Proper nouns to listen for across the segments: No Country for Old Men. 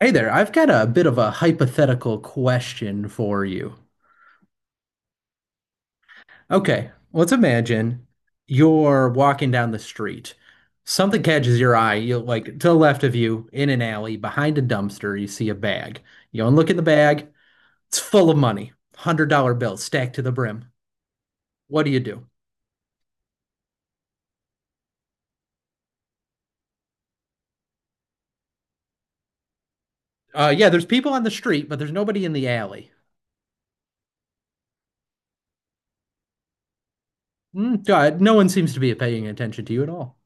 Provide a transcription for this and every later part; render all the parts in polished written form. Hey there, I've got a bit of a hypothetical question for you. Okay, let's imagine you're walking down the street. Something catches your eye. You like to the left of you in an alley behind a dumpster, you see a bag. You go and look at the bag. It's full of money. $100 bills stacked to the brim. What do you do? Yeah, there's people on the street, but there's nobody in the alley. Mm, God, no one seems to be paying attention to you at all.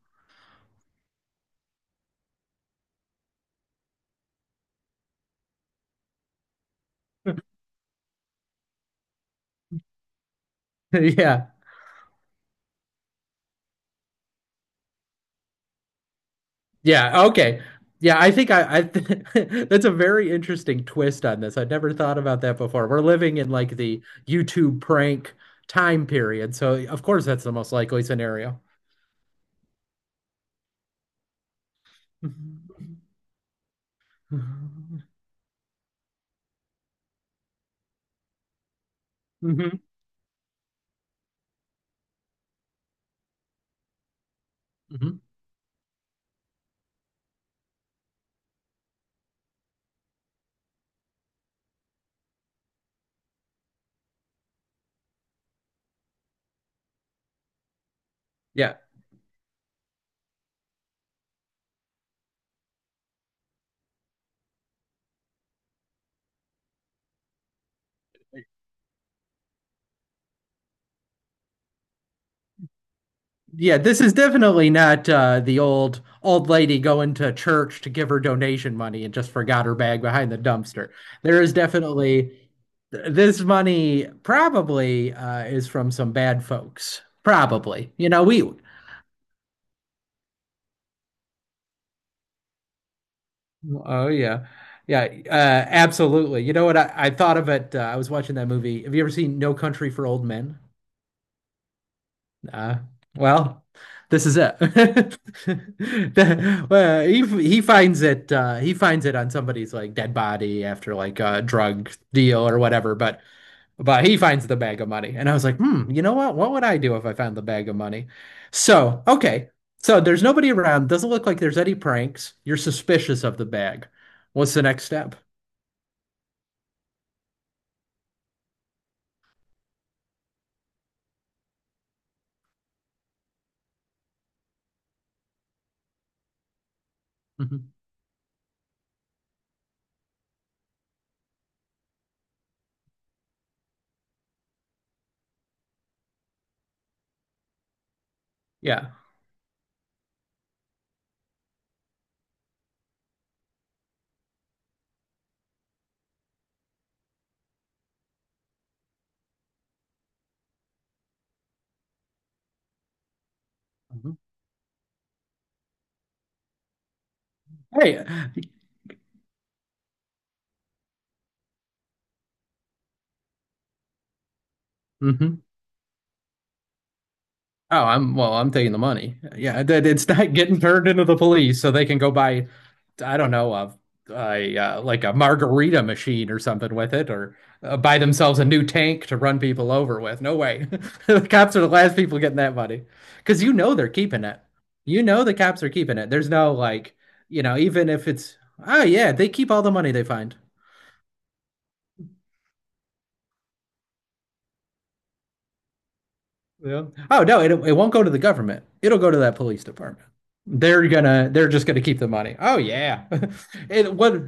Yeah. Yeah, okay. Yeah, I think I th That's a very interesting twist on this. I'd never thought about that before. We're living in like the YouTube prank time period, so of course that's the most likely scenario. Hmm. Hmm. Yeah. Yeah, this is definitely not the old lady going to church to give her donation money and just forgot her bag behind the dumpster. There is definitely this money probably is from some bad folks. Probably, you know, we. Oh yeah, yeah, absolutely. You know what? I thought of it. I was watching that movie. Have you ever seen No Country for Old Men? Uh, well, this is it. The- well, he he finds it he finds it on somebody's like dead body after like a drug deal or whatever, but he finds the bag of money. And I was like, hmm, you know what? What would I do if I found the bag of money? So, okay. So there's nobody around. Doesn't look like there's any pranks. You're suspicious of the bag. What's the next step? Mhm. Yeah. Mhm. Hey. Mhm. I'm taking the money. Yeah, that it's not getting turned into the police so they can go buy, I don't know, a like a margarita machine or something with it, or buy themselves a new tank to run people over with. No way. The cops are the last people getting that money because you know they're keeping it. You know the cops are keeping it. There's no like, you know, even if it's, oh yeah, they keep all the money they find. Yeah. Oh no, it won't go to the government. It'll go to that police department. They're just gonna keep the money. Oh yeah. It what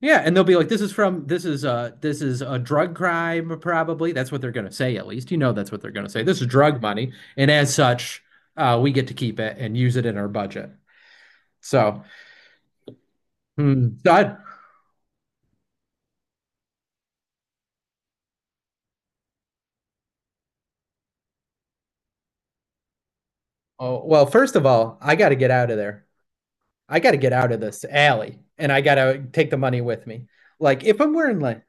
yeah, and they'll be like, this is from this is a drug crime, probably. That's what they're gonna say, at least. You know that's what they're gonna say. This is drug money, and as such, we get to keep it and use it in our budget. So, hmm, so I, oh, well, first of all, I gotta get out of there. I gotta get out of this alley and I gotta take the money with me. Like if I'm wearing like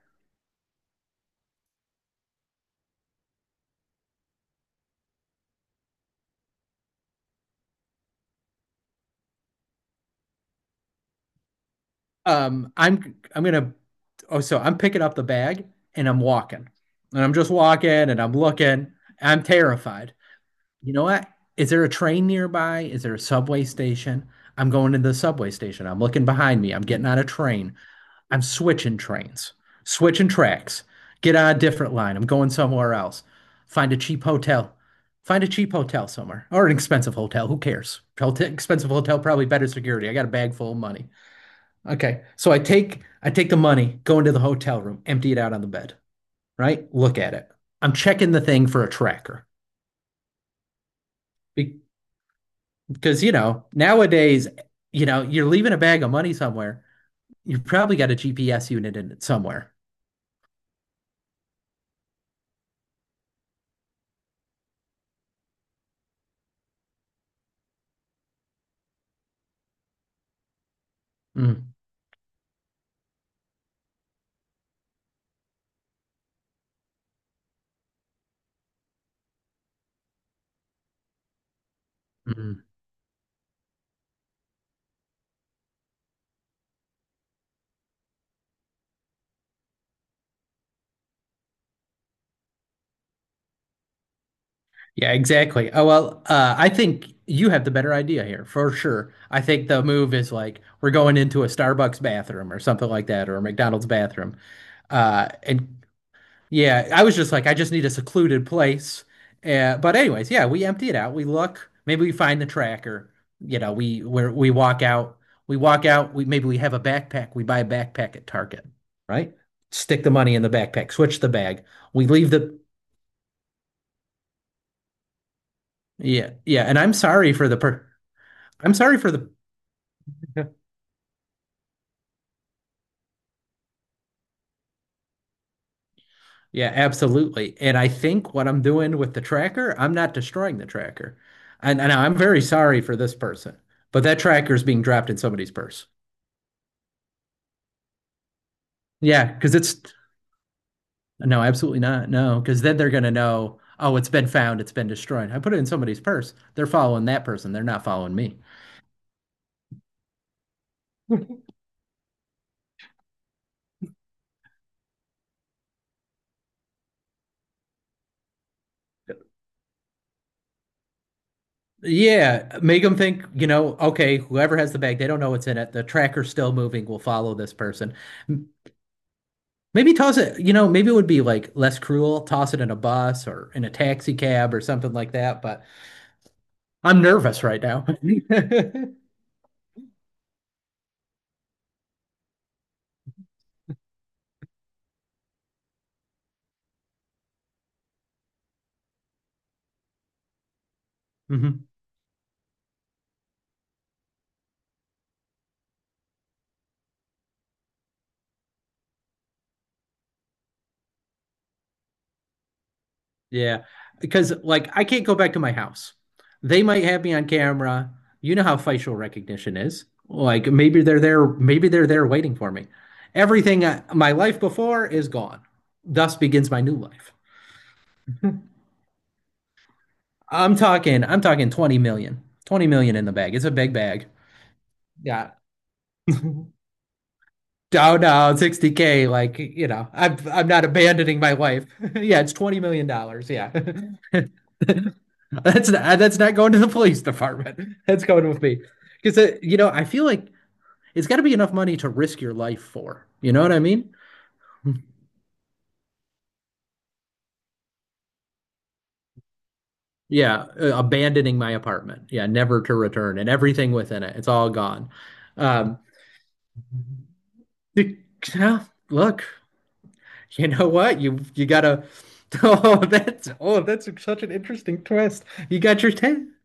I'm gonna Oh, so I'm picking up the bag and I'm walking and I'm just walking and I'm looking. I'm terrified. You know what? Is there a train nearby? Is there a subway station? I'm going to the subway station. I'm looking behind me. I'm getting on a train. I'm switching trains, switching tracks. Get on a different line. I'm going somewhere else. Find a cheap hotel. Find a cheap hotel somewhere or an expensive hotel. Who cares? Hotel, expensive hotel, probably better security. I got a bag full of money. Okay. So I take the money, go into the hotel room, empty it out on the bed, right? Look at it. I'm checking the thing for a tracker. Be- Because, you know, nowadays, you know, you're leaving a bag of money somewhere. You've probably got a GPS unit in it somewhere. Mm, mm. Yeah, exactly. Oh, well, I think you have the better idea here for sure. I think the move is like we're going into a Starbucks bathroom or something like that, or a McDonald's bathroom, and Yeah, I was just like, I just need a secluded place. But anyways, yeah, we empty it out. We look, maybe we find the tracker. You know, we walk out, we walk out. We maybe we have a backpack. We buy a backpack at Target, right? Stick the money in the backpack. Switch the bag. We leave the yeah yeah. And I'm sorry for the per. I'm sorry for the yeah, absolutely. And I think what I'm doing with the tracker, I'm not destroying the tracker. And I'm very sorry for this person, but that tracker is being dropped in somebody's purse. Yeah, because it's no, absolutely not. No, because then they're gonna know, oh, it's been found, it's been destroyed. I put it in somebody's purse. They're following that person. They're not following me. Yeah, make them think, you know, okay, whoever has the bag, they don't know what's in it. The tracker's still moving, we will follow this person. M- Maybe toss it, you know, maybe it would be like less cruel, toss it in a bus or in a taxi cab or something like that, but I'm nervous right now. Mhm. Yeah, because like I can't go back to my house. They might have me on camera. You know how facial recognition is. Like maybe they're there waiting for me. Everything I, my life before is gone. Thus begins my new life. I'm talking 20 million. 20 million in the bag. It's a big bag. Yeah. Down, down, 60K. Like, you know, I'm not abandoning my wife. Yeah, it's 20 million dollars. Yeah. That's not going to the police department. That's going with me. Because, you know, I feel like it's got to be enough money to risk your life for. You know what I mean? Yeah, abandoning my apartment. Yeah, never to return and everything within it. It's all gone. Um, yeah, look, you know what? You gotta. Oh, that's such an interesting twist. You got your ten.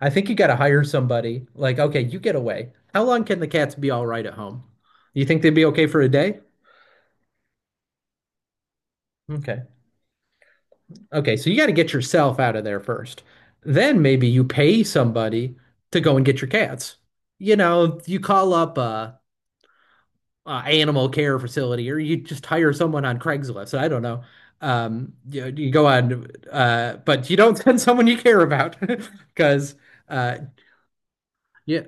I think you got to hire somebody. Like, okay, you get away. How long can the cats be all right at home? You think they'd be okay for a day? Okay. Okay, so you got to get yourself out of there first. Then maybe you pay somebody to go and get your cats. You know, you call up a animal care facility or you just hire someone on Craigslist. I don't know. You go on, but you don't send someone you care about because, uh, yeah,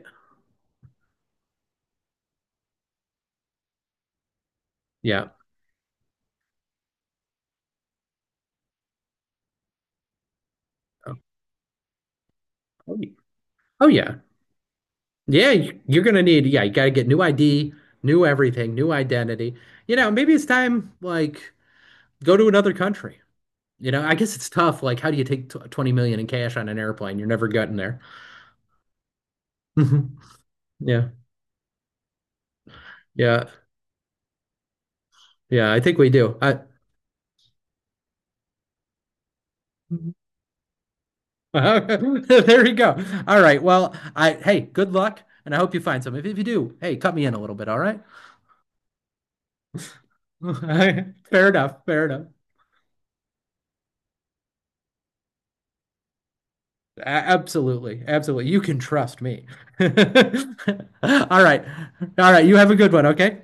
yeah. Oh, yeah. Oh yeah. Yeah, you're gonna need, yeah, you gotta get new ID, new everything, new identity. You know, maybe it's time like go to another country. You know, I guess it's tough. Like, how do you take tw 20 million in cash on an airplane? You're never getting there. Mhm. Yeah, yeah, yeah. I think we do. I, there you go. All right. Well, I hey, good luck, and I hope you find some. If you do, hey, cut me in a little bit. All right. Fair enough. Fair enough. Absolutely. Absolutely. You can trust me. All right. All right. You have a good one, okay?